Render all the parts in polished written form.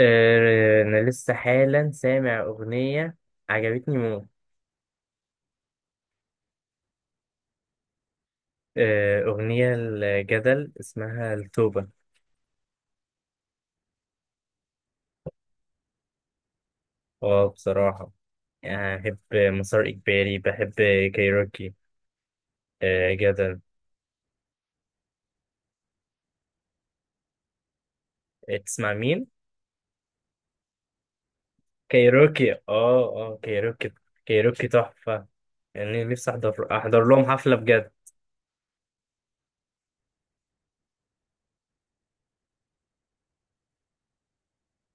أنا لسه حالا سامع أغنية عجبتني موت. أغنية الجدل اسمها التوبة. اه، بصراحة يعني بحب مسار إجباري، بحب كايروكي، جدل. تسمع مين؟ كايروكي، اه، اه، كايروكي. كايروكي تحفة، يعني نفسي أحضر لهم حفلة بجد.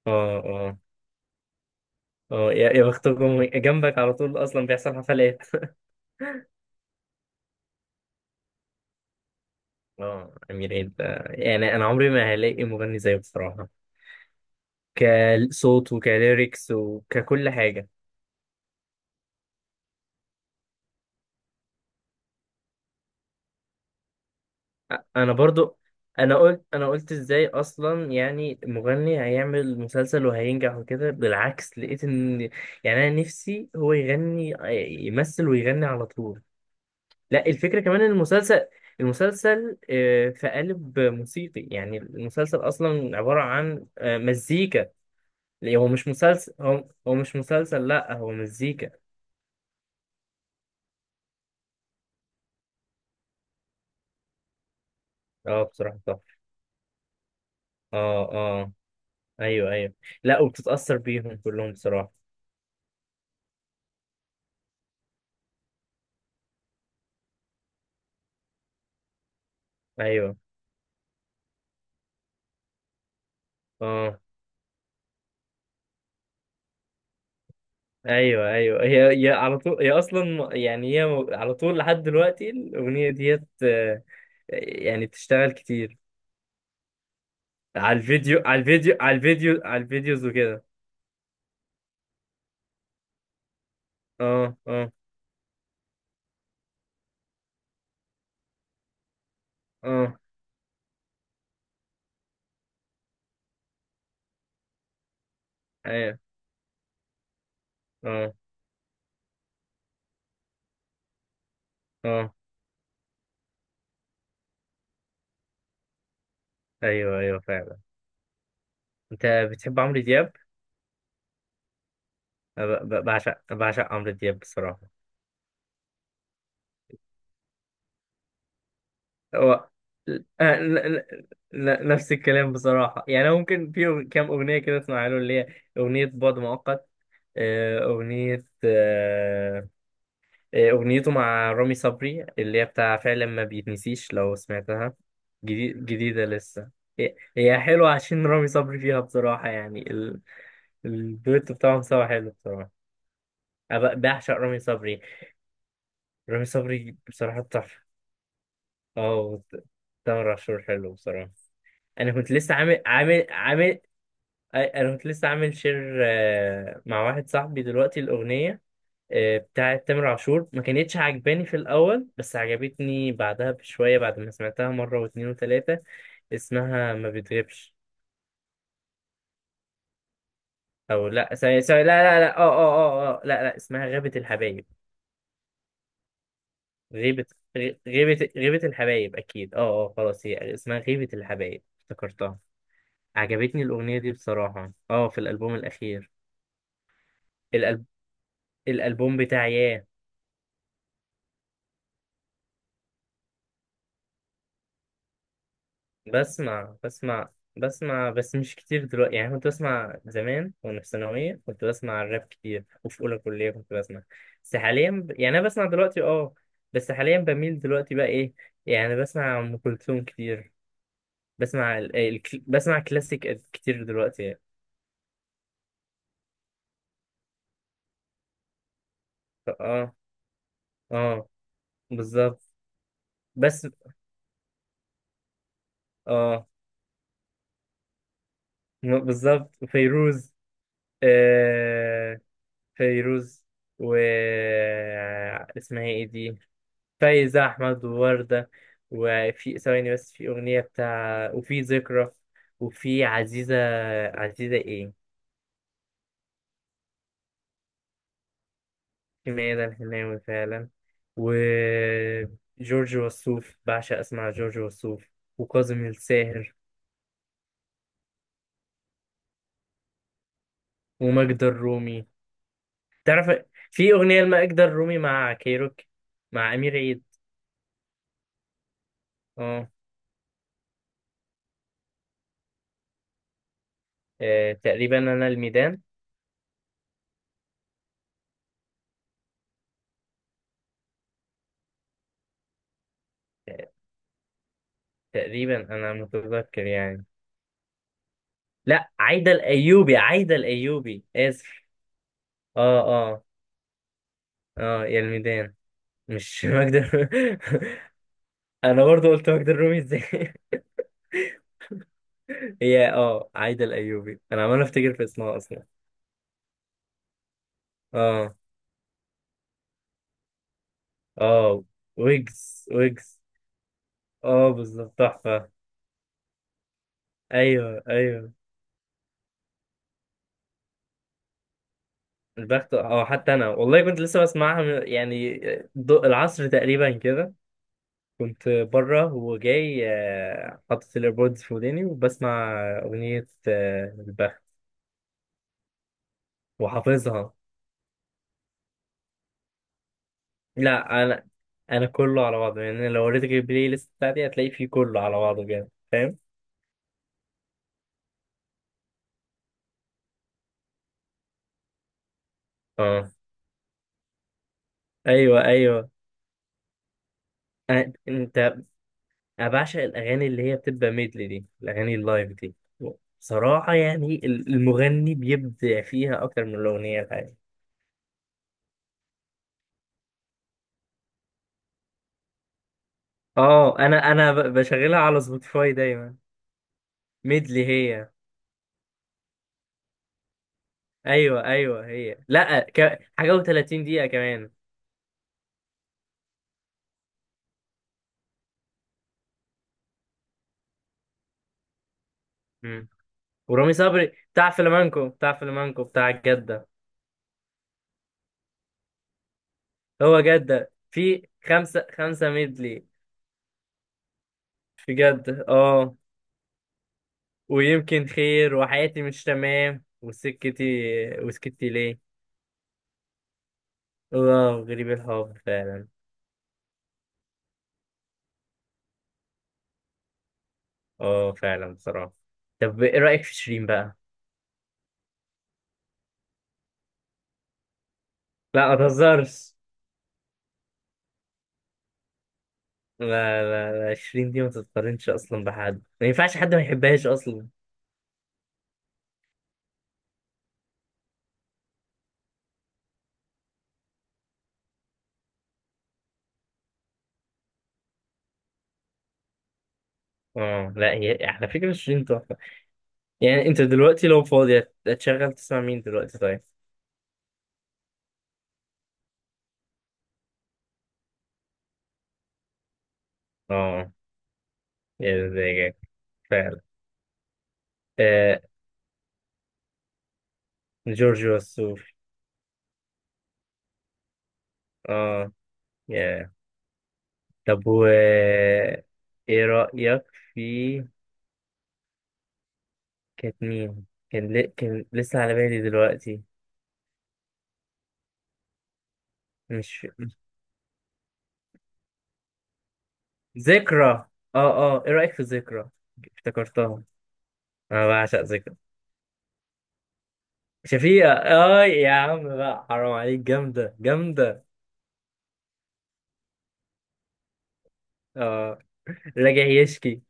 اه، اه. اه يا يا بختكم، جنبك على طول أصلا بيحصل حفلات. اه، أمير عيد، يعني أنا عمري ما هلاقي مغني زيه بصراحة، كصوت وكليركس وككل حاجة. أنا برضو. أنا قلت، إزاي أصلا يعني مغني هيعمل مسلسل وهينجح، وكده بالعكس لقيت إن، يعني أنا نفسي هو يغني، يمثل ويغني على طول. لا الفكرة كمان إن المسلسل، في قالب موسيقي، يعني المسلسل أصلا عبارة عن مزيكا. يعني هو مش مسلسل، هو مش مسلسل، لا هو مزيكا. اه بصراحة صح. اه، اه. ايوه، ايوه. لا، وبتتأثر بيهم كلهم بصراحة. ايوه. اه. ايوه ايوه هي على طول، هي اصلا يعني هي. على طول لحد دلوقتي الاغنية ديت يعني بتشتغل كتير، على الفيديوز وكده. اه، اه. اه. ايوه، اه. اه. ايوه ايوه فعلا. انت بتحب عمرو دياب؟ أنا بعشق عمرو دياب بصراحة. هو آه، ن- ن- نفس الكلام بصراحة، يعني أنا ممكن في كام أغنية كده أسمعها له، اللي هي أغنية بعد مؤقت، آه، أغنية آه، آه، أغنيته مع رامي صبري اللي هي بتاع فعلا ما بيتنسيش لو سمعتها. جديدة لسه. هي حلوة عشان رامي صبري فيها بصراحة، يعني الدويتو بتاعهم سوا حلو بصراحة. أنا بعشق رامي صبري. رامي صبري بصراحة تحفة. اه. تامر عاشور حلو بصراحة. انا كنت لسه عامل. انا كنت لسه عامل شير مع واحد صاحبي دلوقتي، الاغنيه بتاعت تامر عاشور ما كانتش عجباني في الاول، بس عجبتني بعدها بشويه بعد ما سمعتها مره واتنين وتلاته. اسمها ما بتغيبش. او لا، سوري، سوري، لا، لا، لا، اه، اه. اه، اه، لا، لا، اسمها غيبه الحبايب. غيبه. غيبه غيبه الحبايب، اكيد، اه، اه، خلاص هي اسمها غيبه الحبايب، افتكرتها. عجبتني الأغنية دي بصراحة، اه، في الألبوم الأخير. الألب... الألبوم بتاع ياه. بسمع، بسمع. بسمع بس مش كتير دلوقتي، يعني كنت بسمع زمان وأنا في ثانوية كنت بسمع الراب كتير، وفي أولى كلية كنت بسمع. بس حاليا يعني أنا بسمع دلوقتي اه. بس حاليا بميل دلوقتي بقى إيه، يعني بسمع أم كلثوم كتير. بسمع ال... ال... بسمع كلاسيك كتير دلوقتي يعني. اه، اه، بالظبط. بس اه، بالظبط فيروز، آه، فيروز و اسمها ايه دي، فايزة أحمد ووردة. وفي ثواني بس في أغنية بتاع، وفي ذكرى، وفي عزيزة. عزيزة ايه. في ميادة الحناوي فعلا، وجورج وسوف، بعشق أسمع جورج وسوف، وكاظم الساهر، وماجدة الرومي. تعرف في أغنية لماجدة الرومي مع كيروك، مع أمير عيد. اه. تقريبا أنا الميدان. آه، تقريبا انا متذكر يعني. لا، عايدة الأيوبي، عايدة الأيوبي، آسف. اه، اه. اه يا الميدان. مش ماجدة الرومي. أنا برضو قلت ماجدة الرومي ازاي هي عايدة الأيوبي، أنا عمال أفتكر في اسمها أصلا. اه. اه ويجز، ويجز. اه، بالظبط تحفة. أيوه، أيوه. البخت، اه، حتى أنا والله كنت لسه بسمعها يعني ضوء العصر تقريبا كده. كنت بره وجاي حاطط الايربودز في وداني، وبسمع أغنية البخت، وحافظها. لا، انا. انا كله على بعضه، يعني أنا لو وريتك البلاي ليست بتاعتي هتلاقي فيه كله على بعضه كده، فاهم. اه، ايوه، ايوه. انت. انا بعشق الاغاني اللي هي بتبقى ميدلي دي، الاغاني اللايف دي. بصراحه يعني المغني بيبدع فيها اكتر من الاغنيه الحقيقيه. اه، انا بشغلها على سبوتيفاي دايما. ميدلي هي. ايوه، ايوه، هي لا حاجه و30 دقيقه كمان. مم. ورامي صبري بتاع فلامانكو، بتاع فلامانكو، بتاع الجده. هو جدة في خمسة خمسة ميدلي. في جدة اه. ويمكن خير، وحياتي مش تمام، وسكتي. وسكتي ليه. اه، غريب الحب فعلا. اه، فعلا بصراحة. طب ايه رأيك في شيرين بقى؟ لا، ما تهزرش. لا، لا، لا، شيرين دي ما تتقارنش اصلا بحد، ما ينفعش حد ما يحبهاش اصلا. اه لا، هي على فكرة شيرين تحفة. يعني انت دلوقتي لو فاضي هتشغل تسمع مين دلوقتي طيب؟ اه، يا زيك. فعلا. آه، جورجيو السور. اه، يا. طب و ايه رأيك في، كانت مين، كان لسه على بالي دلوقتي. مش. ذكرى، اه. اه، ايه رأيك في ذكرى؟ افتكرتها. انا بعشق ذكرى. شفيقة، اه، يا عم بقى، حرام عليك، جامدة جامدة. اه، راجع يشكي.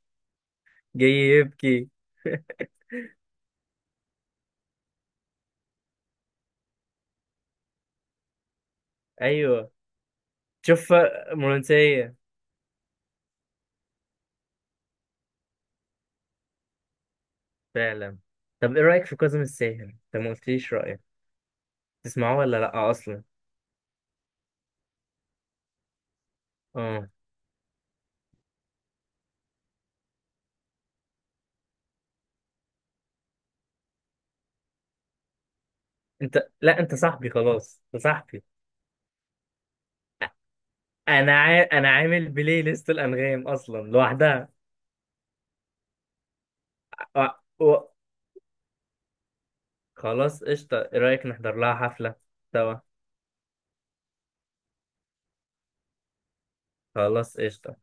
جاي يبكي. ايوه. شوف. رومانسية. فعلا. طب ايه رأيك في كاظم الساهر، انت ما قلتليش رأيك، تسمعوه ولا لأ أصلا؟ اه. انت، لا انت صاحبي، خلاص انت صاحبي. انا انا عامل بلاي ليست الانغام اصلا لوحدها. و... و... خلاص قشطه. ايه رايك نحضر لها حفله سوا؟ خلاص قشطه.